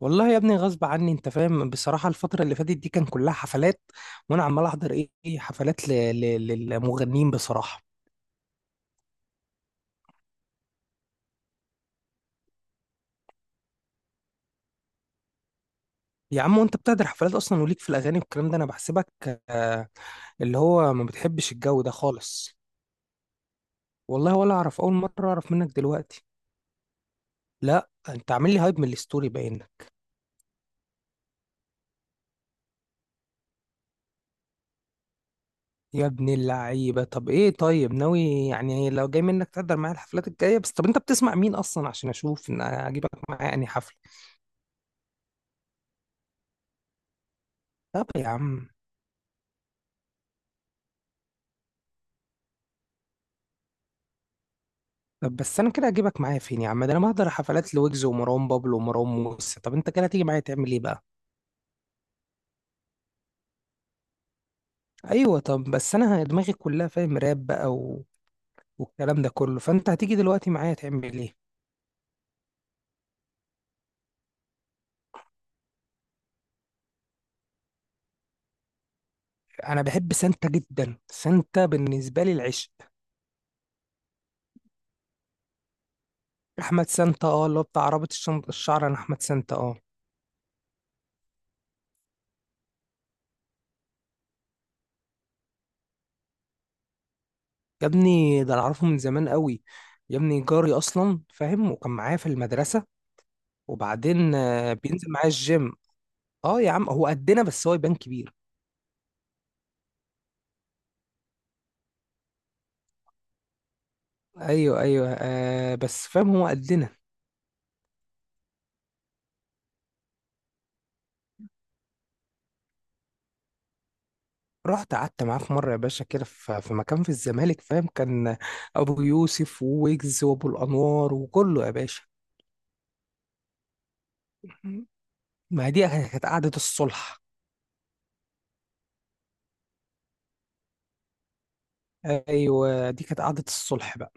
والله يا ابني غصب عني، انت فاهم؟ بصراحة الفترة اللي فاتت دي كان كلها حفلات، وانا عمال احضر ايه حفلات. للمغنيين بصراحة. يا عم، وانت بتحضر حفلات اصلا وليك في الاغاني والكلام ده؟ انا بحسبك، آه، اللي هو ما بتحبش الجو ده خالص. والله ولا اعرف، اول مرة اعرف منك دلوقتي. لا، انت عامل لي هايب من الستوري، باين لك. يا ابن اللعيبة، طب ايه؟ طيب ناوي يعني لو جاي منك تحضر معايا الحفلات الجاية؟ بس طب انت بتسمع مين اصلا عشان اشوف ان اجيبك معايا انهي حفلة؟ طب يا عم، طب بس انا كده اجيبك معايا فين يا عم؟ ده انا بحضر حفلات لويجز ومروان بابلو ومروان موسى، طب انت كده هتيجي معايا تعمل ايه بقى؟ ايوه، طب بس انا دماغي كلها فاهم راب بقى والكلام ده كله، فانت هتيجي دلوقتي معايا تعمل ايه؟ انا بحب سانتا جدا، سانتا بالنسبه لي العشق. احمد سانتا، اه، اللي هو بتاع عربة الشعر. انا احمد سانتا، اه. يا ابني ده انا اعرفه من زمان قوي، يا ابني جاري اصلا فاهم، وكان معايا في المدرسه. وبعدين بينزل معايا الجيم. اه يا عم، هو قدنا بس هو يبان كبير. ايوه ايوه، آه، بس فاهم هو قدنا. رحت قعدت معاه في مره يا باشا، كده في مكان في الزمالك، فاهم، كان ابو يوسف وويجز وابو الانوار وكله يا باشا. ما دي كانت قعده الصلح. ايوه، دي كانت قعده الصلح بقى.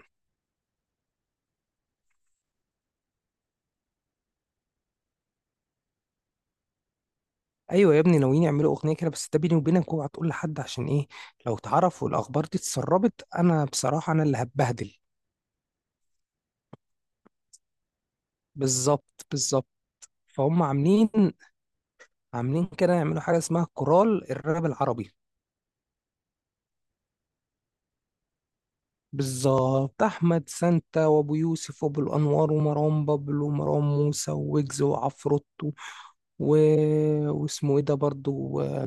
ايوه يا ابني، ناويين يعملوا اغنيه كده. بس ده بيني وبينك، اوعى تقول لحد، عشان ايه؟ لو اتعرف والاخبار دي اتسربت، انا بصراحه انا اللي هتبهدل. بالظبط، بالظبط. فهم عاملين كده يعملوا حاجه اسمها كورال الراب العربي. بالظبط، أحمد سانتا وأبو يوسف وأبو الأنوار ومروان بابلو ومروان موسى وويجز وعفروتو، و... واسمه إيه ده برضه،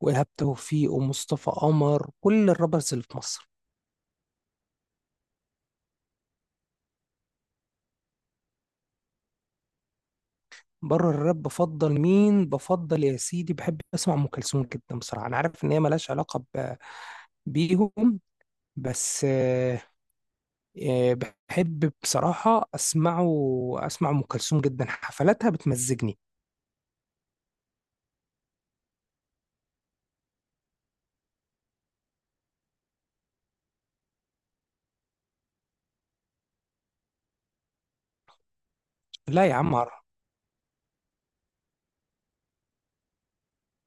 وإيهاب توفيق ومصطفى قمر، كل الرابرز اللي في مصر. بره الراب بفضل مين؟ بفضل يا سيدي، بحب أسمع أم كلثوم جدا. بصراحة أنا عارف إن هي ملهاش علاقة بيهم، بس آه، بحب بصراحة أسمعه. أسمع أم كلثوم جدا، حفلاتها بتمزجني. لا يا عم،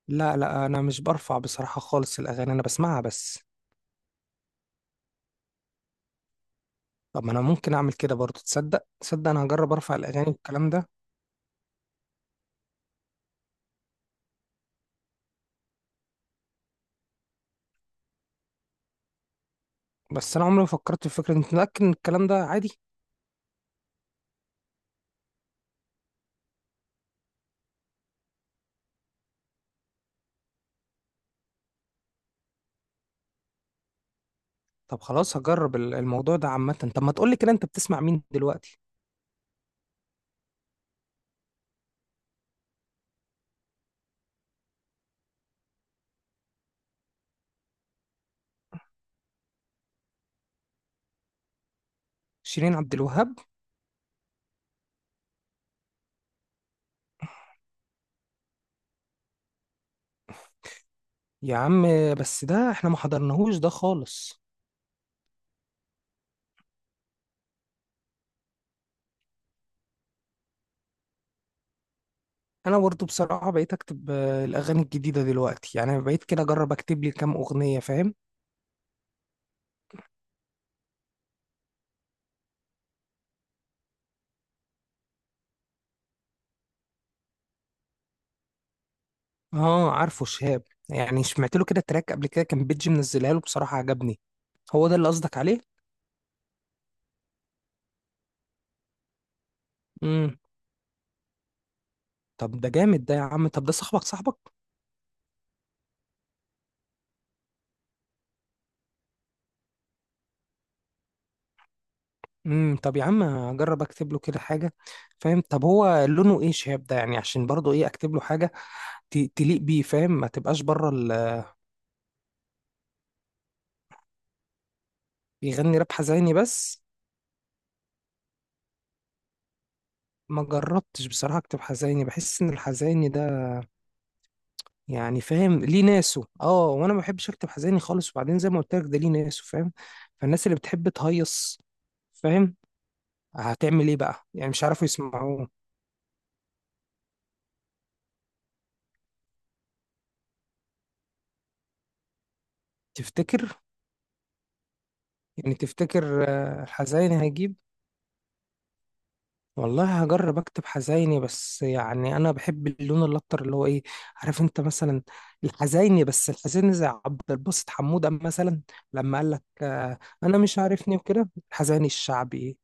لا، لا، انا مش برفع بصراحة خالص الاغاني، انا بسمعها بس. طب ما انا ممكن اعمل كده برضو، تصدق، تصدق، انا هجرب ارفع الاغاني والكلام ده. بس انا عمري ما فكرت في فكرة، انت متأكد ان الكلام ده عادي؟ طب خلاص هجرب الموضوع ده عامة. طب ما تقولي كده، انت بتسمع مين دلوقتي؟ شيرين عبد الوهاب؟ يا عم، بس ده احنا ما حضرناهوش ده خالص. انا برضو بصراحة بقيت اكتب الاغاني الجديدة دلوقتي، يعني بقيت كده اجرب اكتب لي كام اغنية، فاهم. اه، عارفه شهاب، يعني سمعت له كده تراك قبل كده، كان بيتجي منزلها له بصراحة، عجبني. هو ده اللي قصدك عليه؟ امم، طب ده جامد ده يا عم، طب ده صاحبك صاحبك؟ امم، طب يا عم اجرب اكتب له كده حاجه، فاهم. طب هو لونه ايه شهاب ده يعني، عشان برضه ايه اكتب له حاجه تليق بيه، فاهم، ما تبقاش بره يغني راب حزيني بس؟ ما جربتش بصراحه اكتب حزيني، بحس ان الحزيني ده يعني، فاهم، ليه ناسه. اه وانا ما بحبش اكتب حزيني خالص. وبعدين زي ما قلت لك، ده ليه ناسه فاهم، فالناس اللي بتحب تهيص، فاهم، هتعمل ايه بقى يعني؟ مش عارفوا يسمعوه. تفتكر؟ يعني تفتكر الحزيني هيجيب؟ والله هجرب اكتب حزيني، بس يعني انا بحب اللون الاكتر اللي هو ايه، عارف انت، مثلا الحزيني، بس الحزيني زي عبد الباسط حمودة مثلا، لما قال لك آه انا مش عارفني وكده، الحزيني الشعبي.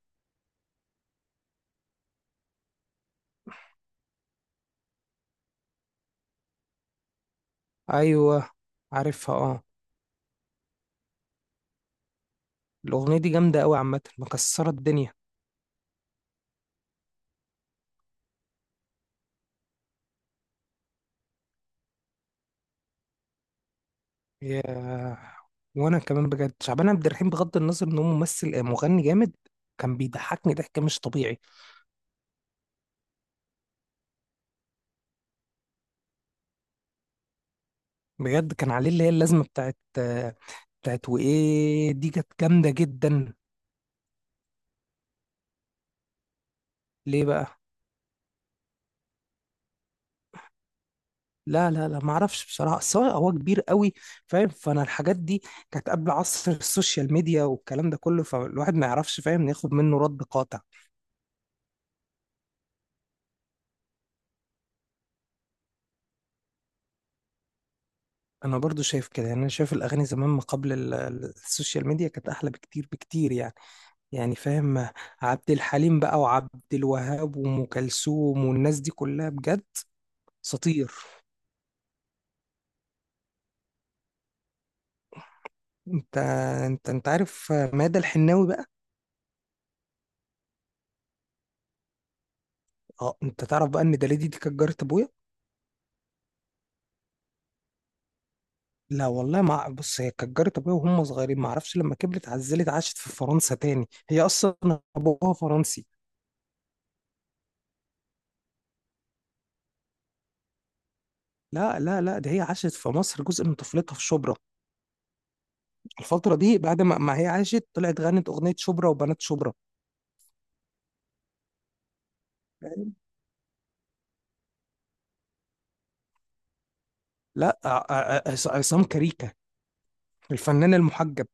ايوه، عارفها اه. الاغنيه دي جامده قوي عامه، مكسره الدنيا. يا، وانا كمان بجد شعبان عبد الرحيم، بغض النظر ان هو ممثل مغني جامد. كان بيضحكني ضحك مش طبيعي، بجد. كان عليه اللي هي اللازمة بتاعت وإيه، دي كانت جامدة جدا. ليه بقى؟ لا لا لا، ما اعرفش بصراحة. بس هو كبير قوي، فاهم. فانا الحاجات دي كانت قبل عصر السوشيال ميديا والكلام ده كله، فالواحد ما يعرفش، فاهم، ياخد منه رد قاطع. انا برضو شايف كده، يعني انا شايف الاغاني زمان ما قبل السوشيال ميديا كانت احلى بكتير بكتير يعني، يعني فاهم. عبد الحليم بقى وعبد الوهاب وام كلثوم والناس دي كلها، بجد اساطير. انت، انت عارف مادة الحناوي بقى؟ اه، انت تعرف بقى ان دليدي دي كانت جارة ابويا؟ لا والله ما، بص هي كانت جارة ابويا وهم صغيرين، ما اعرفش لما كبرت عزلت عاشت في فرنسا تاني. هي اصلا ابوها فرنسي. لا لا لا، ده هي عاشت في مصر جزء من طفولتها في شبرا، الفترة دي، بعد ما هي عاشت، طلعت غنت اغنية شبرا وبنات شبرا، فاهم؟ لا عصام كاريكا، الفنان المحجب.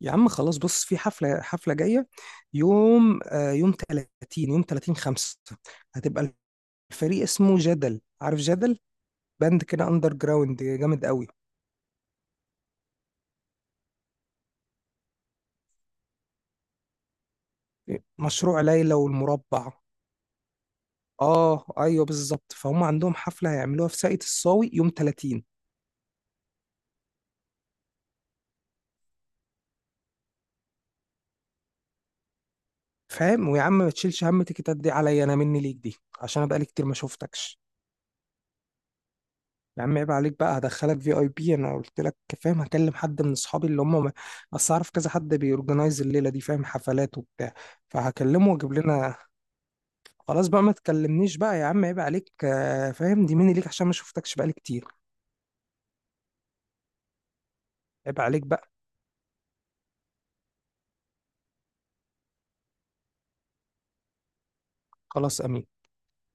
يا عم خلاص، بص في حفلة جاية، يوم آه، يوم 30 يوم 30 5، هتبقى. فريق اسمه جدل، عارف جدل؟ باند كده اندر جراوند جامد قوي، مشروع ليلى والمربع. اه ايوه بالظبط، فهم عندهم حفله هيعملوها في ساقية الصاوي يوم 30. فاهم، ويا عم ما تشيلش هم تيكتات دي عليا، انا مني ليك دي، عشان انا بقالي كتير ما شفتكش. يا عم عيب عليك بقى، هدخلك في اي بي، انا قلت لك، فاهم. هكلم حد من اصحابي اللي هم، اصل اعرف كذا حد بيورجنايز الليله دي، فاهم، حفلات وبتاع، فهكلمه واجيب لنا. خلاص بقى ما تكلمنيش بقى يا عم، عيب عليك فاهم، دي مني ليك عشان ما شفتكش بقالي كتير. عيب عليك بقى. خلاص، امين.